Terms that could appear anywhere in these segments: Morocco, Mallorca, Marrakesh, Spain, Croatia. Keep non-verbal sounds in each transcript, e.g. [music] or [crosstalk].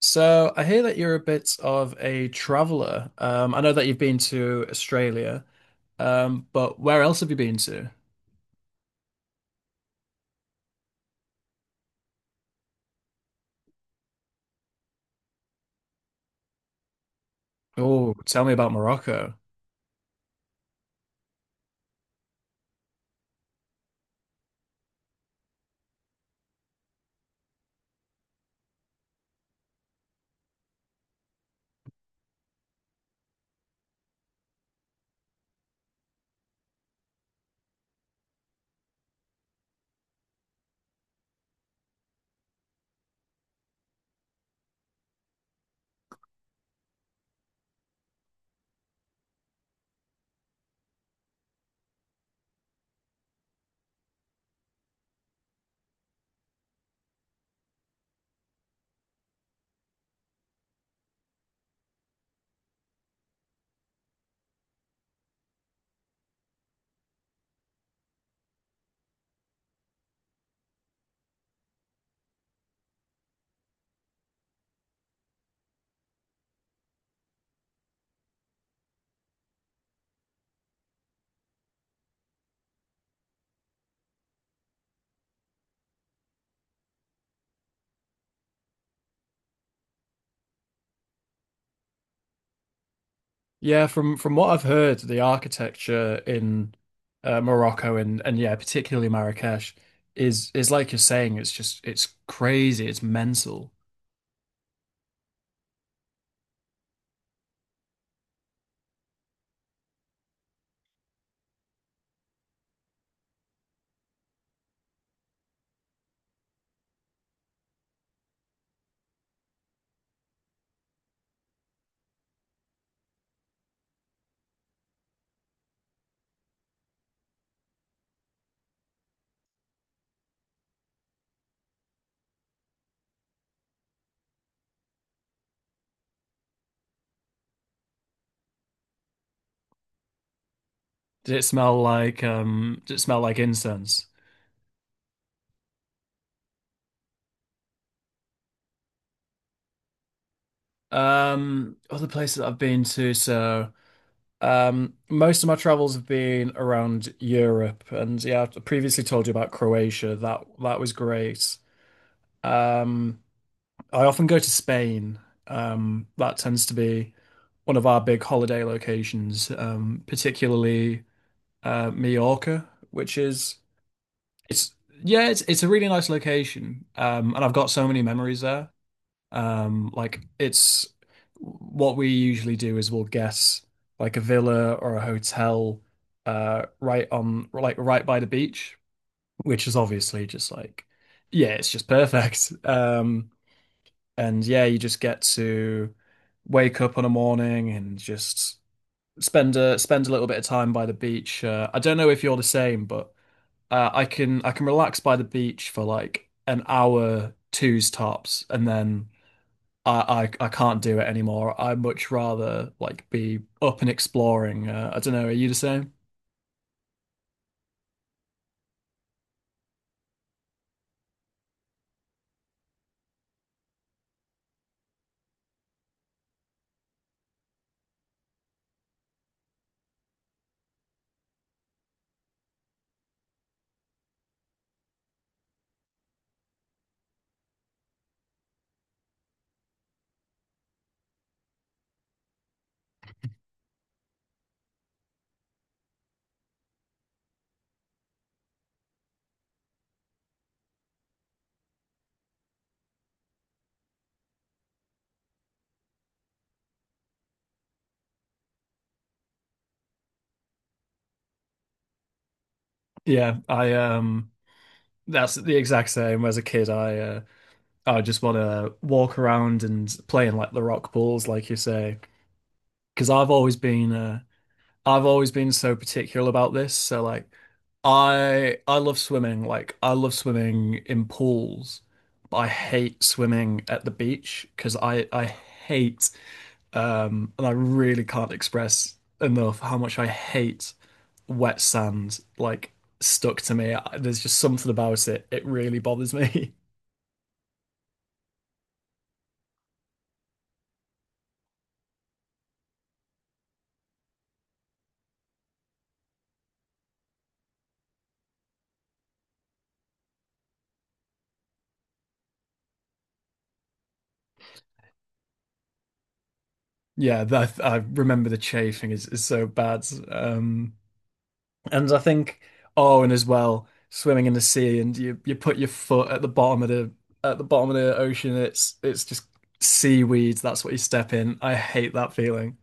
So I hear that you're a bit of a traveler. I know that you've been to Australia, but where else have you been to? Oh, tell me about Morocco. Yeah, from what I've heard, the architecture in Morocco and yeah, particularly Marrakesh is like you're saying. It's just it's crazy. It's mental. Did it smell like Did it smell like incense? Other places that I've been to, so. Most of my travels have been around Europe, and yeah, I previously told you about Croatia. That was great. Um, I often go to Spain. That tends to be one of our big holiday locations, particularly Mallorca, which is it's yeah, it's a really nice location, and I've got so many memories there. Like it's what we usually do is we'll guess like a villa or a hotel, right on like right by the beach, which is obviously just like, yeah, it's just perfect. [laughs] And yeah, you just get to wake up on a morning and just spend a little bit of time by the beach. I don't know if you're the same, but I can relax by the beach for like an hour, two's tops, and then. I can't do it anymore. I much rather like be up and exploring. I don't know. Are you the same? Yeah, I that's the exact same. As a kid, I just want to walk around and play in like the rock pools, like you say, because I've always been so particular about this. So like I love swimming. Like I love swimming in pools, but I hate swimming at the beach because I hate. And I really can't express enough how much I hate wet sand, like stuck to me. There's just something about it. It really bothers me. [laughs] Yeah, that I remember the chafing is so bad. And I think, oh, and as well, swimming in the sea and you put your foot at the bottom of the bottom of the ocean. It's just seaweed. That's what you step in. I hate that feeling.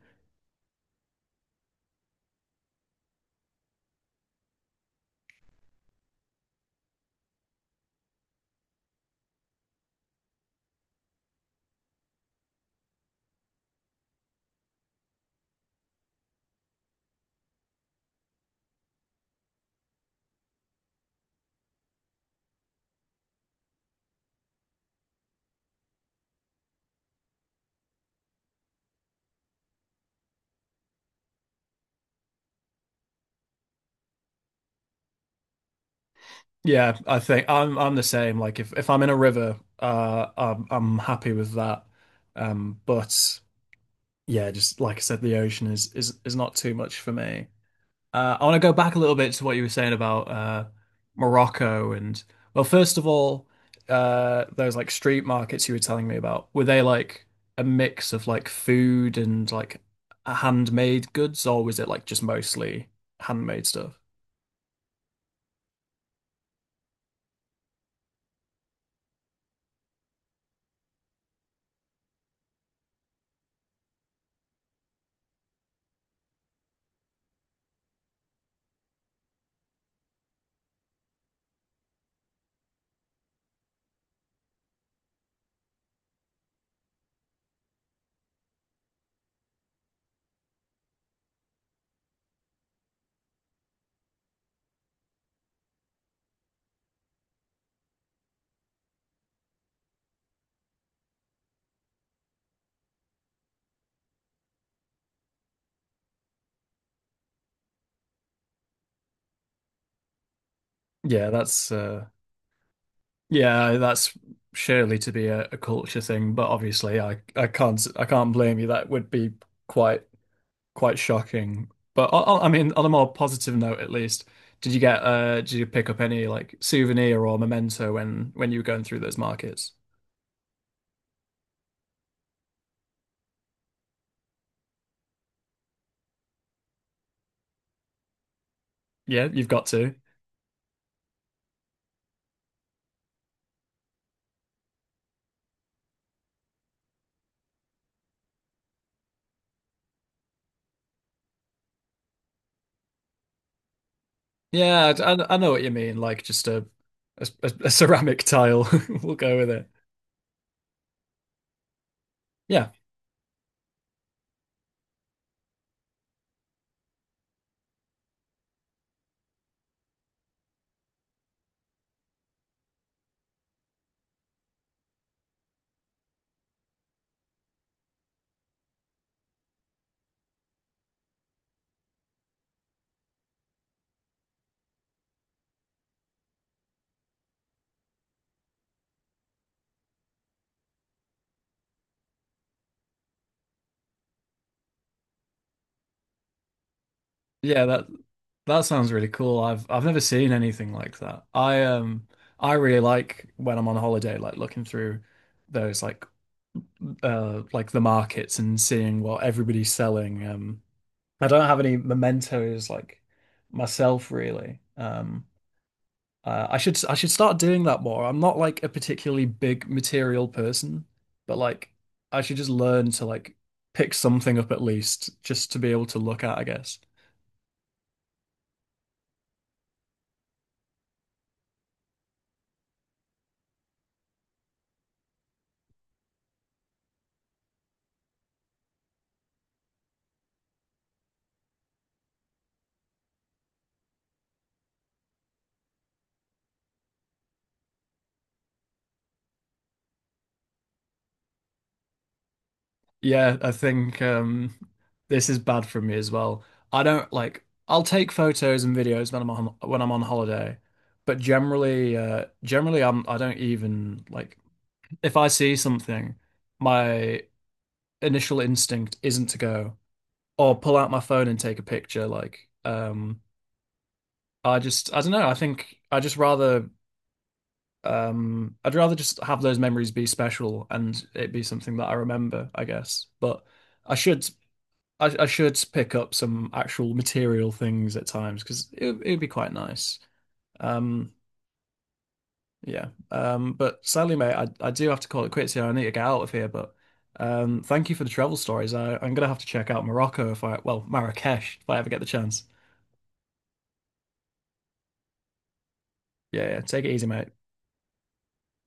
Yeah, I think I'm the same. Like if I'm in a river, I'm happy with that. But yeah, just like I said, the ocean is not too much for me. I want to go back a little bit to what you were saying about Morocco and well, first of all, those like street markets you were telling me about, were they like a mix of like food and like handmade goods, or was it like just mostly handmade stuff? Yeah, that's surely to be a culture thing, but obviously I can't blame you. That would be quite quite shocking. But I mean, on a more positive note, at least, did you get did you pick up any like souvenir or memento when you were going through those markets? Yeah, you've got to. Yeah, I I know what you mean. Like just a, a ceramic tile. [laughs] We'll go with it. Yeah. Yeah, that sounds really cool. I've never seen anything like that. I I really like when I'm on holiday, like looking through those like the markets and seeing what everybody's selling. I don't have any mementos like myself really. I should start doing that more. I'm not like a particularly big material person, but like I should just learn to like pick something up at least just to be able to look at, I guess. Yeah, I think this is bad for me as well. I don't like. I'll take photos and videos when I'm on holiday, but generally, I don't even like if I see something, my initial instinct isn't to go or pull out my phone and take a picture. Like, I just I don't know. I think I just rather I'd rather just have those memories be special and it be something that I remember, I guess. But I should. I should pick up some actual material things at times because it would be quite nice. Um, yeah. But sadly, mate, I do have to call it quits here. I need to get out of here. But thank you for the travel stories. I, I'm gonna have to check out Morocco if I, well, Marrakesh if I ever get the chance. Yeah, yeah. Take it easy, mate.